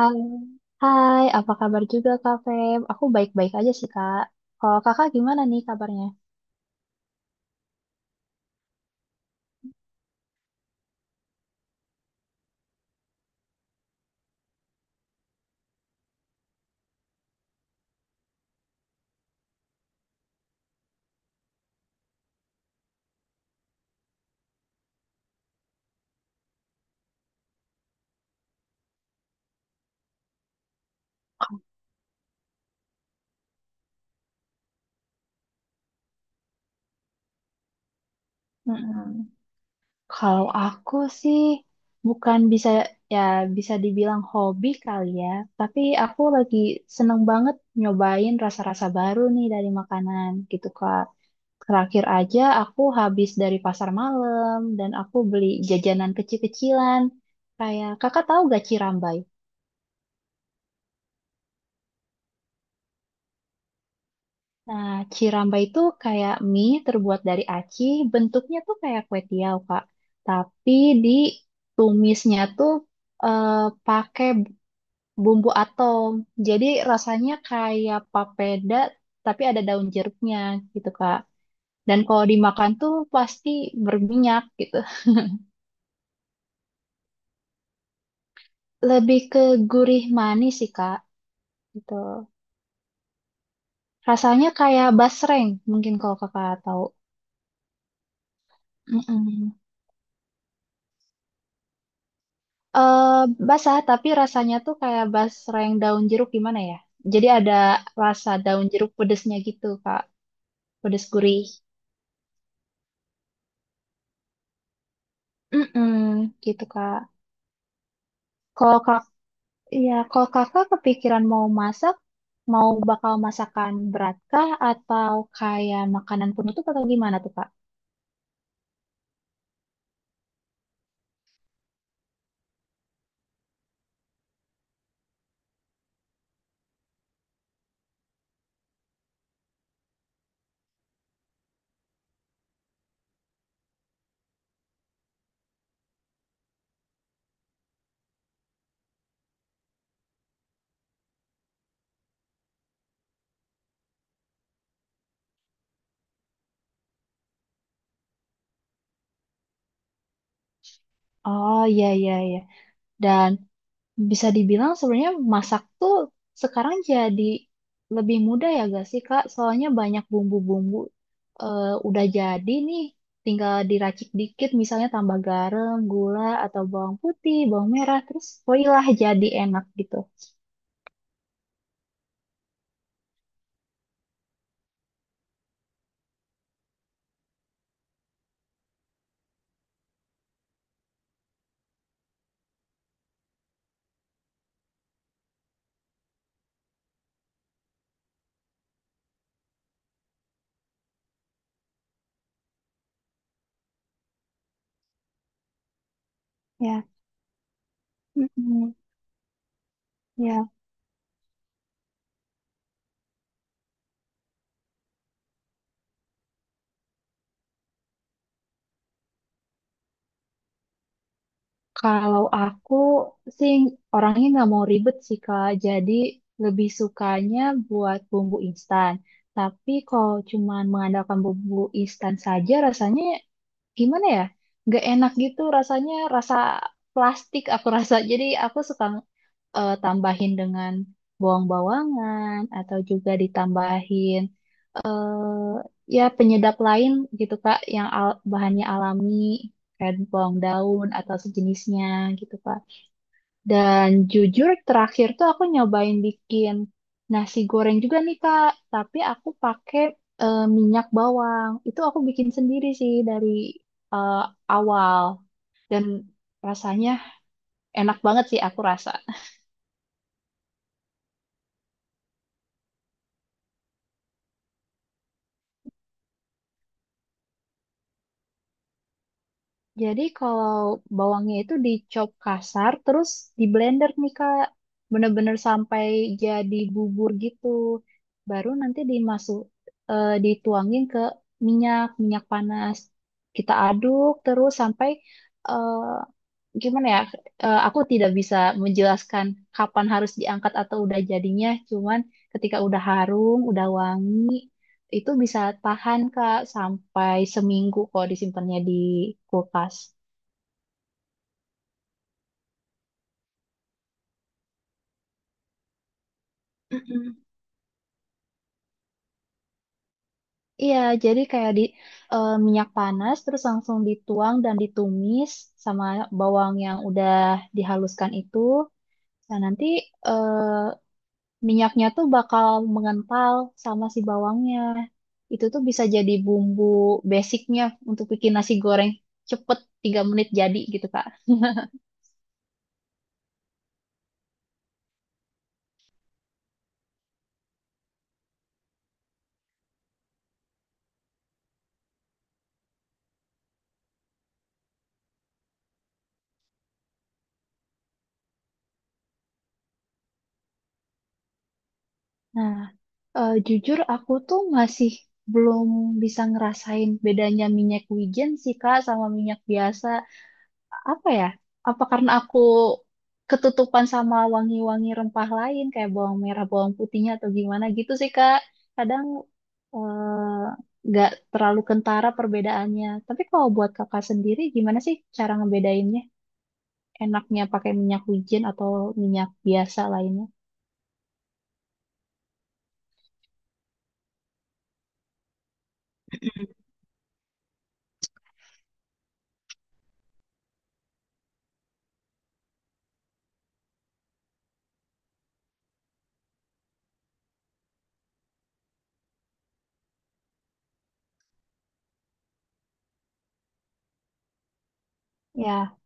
Hai, hai, apa kabar juga Kak Feb? Aku baik-baik aja sih Kak. Kalau Kakak gimana nih kabarnya? Mm-mm. Kalau aku sih bukan bisa ya bisa dibilang hobi kali ya, tapi aku lagi seneng banget nyobain rasa-rasa baru nih dari makanan gitu Kak. Terakhir aja aku habis dari pasar malam dan aku beli jajanan kecil-kecilan. Kayak Kakak tahu gak Cirambay? Nah, ciramba itu kayak mie terbuat dari aci, bentuknya tuh kayak kue tiaw, Kak. Tapi ditumisnya tuh eh, pakai bumbu atom. Jadi rasanya kayak papeda, tapi ada daun jeruknya gitu, Kak. Dan kalau dimakan tuh pasti berminyak gitu. Lebih ke gurih manis sih, Kak. Gitu. Rasanya kayak basreng, mungkin kalau Kakak tahu. Mm-mm. eh Basah tapi rasanya tuh kayak basreng daun jeruk gimana ya? Jadi ada rasa daun jeruk pedesnya gitu, Kak. Pedes gurih. Mm-mm, gitu, Kak. Kalau kak, Ya, kalau Kakak kepikiran mau masak, mau bakal masakan berat kah atau kayak makanan penutup atau gimana tuh, Kak? Oh, iya, iya, iya. Dan bisa dibilang sebenarnya masak tuh sekarang jadi lebih mudah ya gak sih Kak? Soalnya banyak bumbu-bumbu udah jadi nih, tinggal diracik dikit misalnya tambah garam, gula, atau bawang putih, bawang merah, terus voila jadi enak gitu. Ya, mm-mm. Ya, kalau aku sih orangnya nggak mau ribet sih Kak, jadi lebih sukanya buat bumbu instan. Tapi kalau cuma mengandalkan bumbu instan saja rasanya gimana ya, nggak enak gitu, rasanya rasa plastik aku rasa. Jadi aku suka tambahin dengan bawang-bawangan atau juga ditambahin eh ya penyedap lain gitu Kak, yang bahannya alami kayak bawang daun atau sejenisnya gitu Kak. Dan jujur terakhir tuh aku nyobain bikin nasi goreng juga nih Kak, tapi aku pakai minyak bawang. Itu aku bikin sendiri sih dari eh, awal dan rasanya enak banget sih aku rasa. Jadi kalau bawangnya itu dicop kasar, terus di blender nih Kak, bener-bener sampai jadi bubur gitu. Baru nanti dituangin ke minyak panas. Kita aduk terus sampai eh, gimana ya? Aku tidak bisa menjelaskan kapan harus diangkat atau udah jadinya. Cuman ketika udah harum, udah wangi, itu bisa tahan Kak sampai seminggu kok disimpannya di kulkas. Mm-mm. Iya, jadi kayak di minyak panas terus langsung dituang dan ditumis sama bawang yang udah dihaluskan itu. Nah, nanti eh, minyaknya tuh bakal mengental sama si bawangnya. Itu tuh bisa jadi bumbu basicnya untuk bikin nasi goreng cepet 3 menit jadi gitu, Kak. Nah, jujur aku tuh masih belum bisa ngerasain bedanya minyak wijen sih Kak sama minyak biasa. Apa ya? Apa karena aku ketutupan sama wangi-wangi rempah lain kayak bawang merah, bawang putihnya atau gimana gitu sih Kak. Kadang eh, nggak terlalu kentara perbedaannya. Tapi kalau buat Kakak sendiri gimana sih cara ngebedainnya? Enaknya pakai minyak wijen atau minyak biasa lainnya? Ya.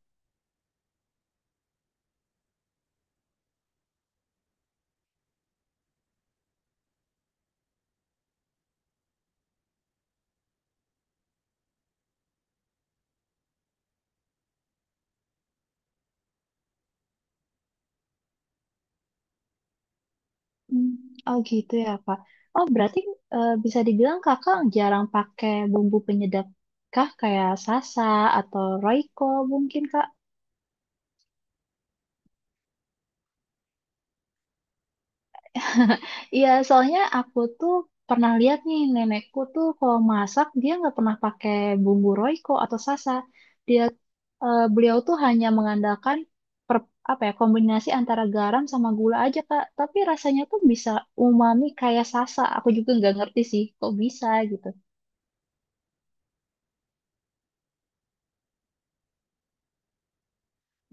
Hmm. Oh, gitu ya Pak. Oh berarti bisa dibilang Kakak jarang pakai bumbu penyedap kah kayak sasa atau Royco mungkin Kak? Iya soalnya aku tuh pernah lihat nih nenekku tuh kalau masak dia nggak pernah pakai bumbu Royco atau sasa. Dia Beliau tuh hanya mengandalkan per, apa ya kombinasi antara garam sama gula aja Kak. Tapi rasanya tuh bisa umami kayak sasa. Aku juga nggak ngerti sih kok bisa gitu.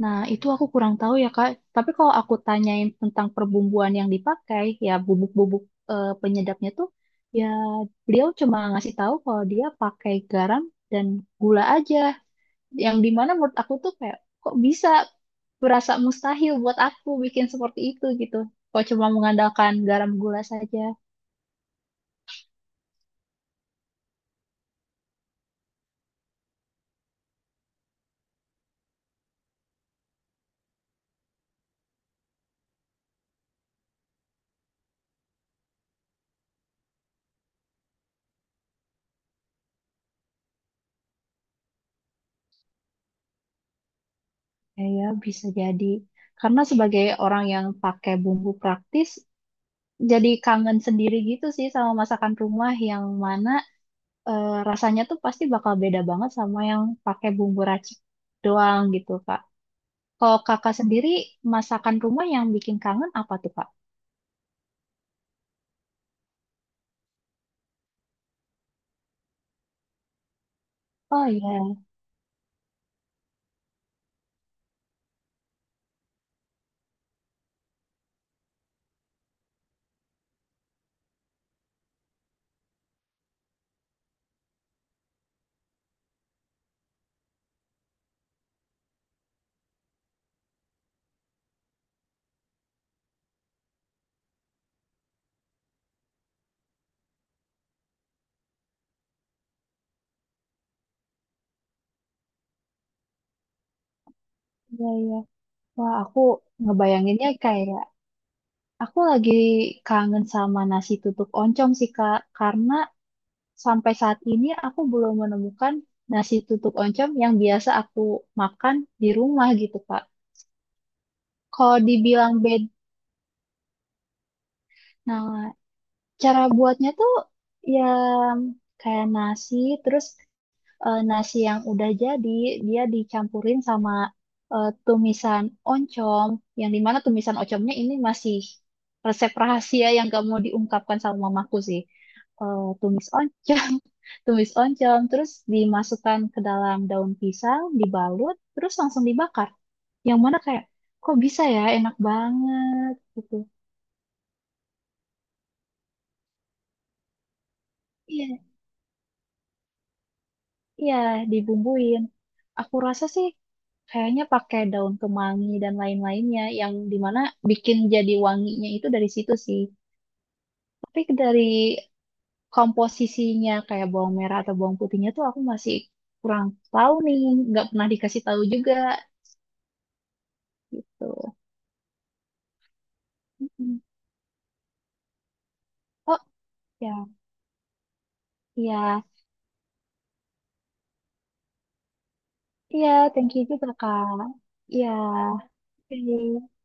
Nah, itu aku kurang tahu ya, Kak. Tapi kalau aku tanyain tentang perbumbuan yang dipakai, ya bubuk-bubuk penyedapnya tuh, ya beliau cuma ngasih tahu kalau dia pakai garam dan gula aja. Yang dimana menurut aku tuh kayak, kok bisa berasa mustahil buat aku bikin seperti itu gitu. Kok cuma mengandalkan garam gula saja. Ya, ya bisa jadi. Karena sebagai orang yang pakai bumbu praktis, jadi kangen sendiri gitu sih sama masakan rumah yang mana rasanya tuh pasti bakal beda banget sama yang pakai bumbu racik doang gitu, Kak. Kalau kakak sendiri, masakan rumah yang bikin kangen apa tuh, Kak? Oh iya, iya, iya. Wah, aku ngebayanginnya kayak aku lagi kangen sama nasi tutuk oncom sih, Kak. Karena sampai saat ini aku belum menemukan nasi tutuk oncom yang biasa aku makan di rumah gitu, Kak. Kalau dibilang beda, nah cara buatnya tuh ya kayak nasi, terus nasi yang udah jadi dia dicampurin sama tumisan oncom, yang dimana tumisan oncomnya ini masih resep rahasia yang gak mau diungkapkan sama mamaku sih. Eh, tumis oncom, tumis oncom, terus dimasukkan ke dalam daun pisang, dibalut, terus langsung dibakar. Yang mana kayak kok bisa ya, enak banget gitu. Iya. Iya, dibumbuin. Aku rasa sih kayaknya pakai daun kemangi dan lain-lainnya yang dimana bikin jadi wanginya itu dari situ sih. Tapi dari komposisinya kayak bawang merah atau bawang putihnya tuh aku masih kurang tahu nih, nggak pernah dikasih tahu juga gitu. Mm-mm. Oh ya, iya, iya, thank you juga kak. Iya, oke.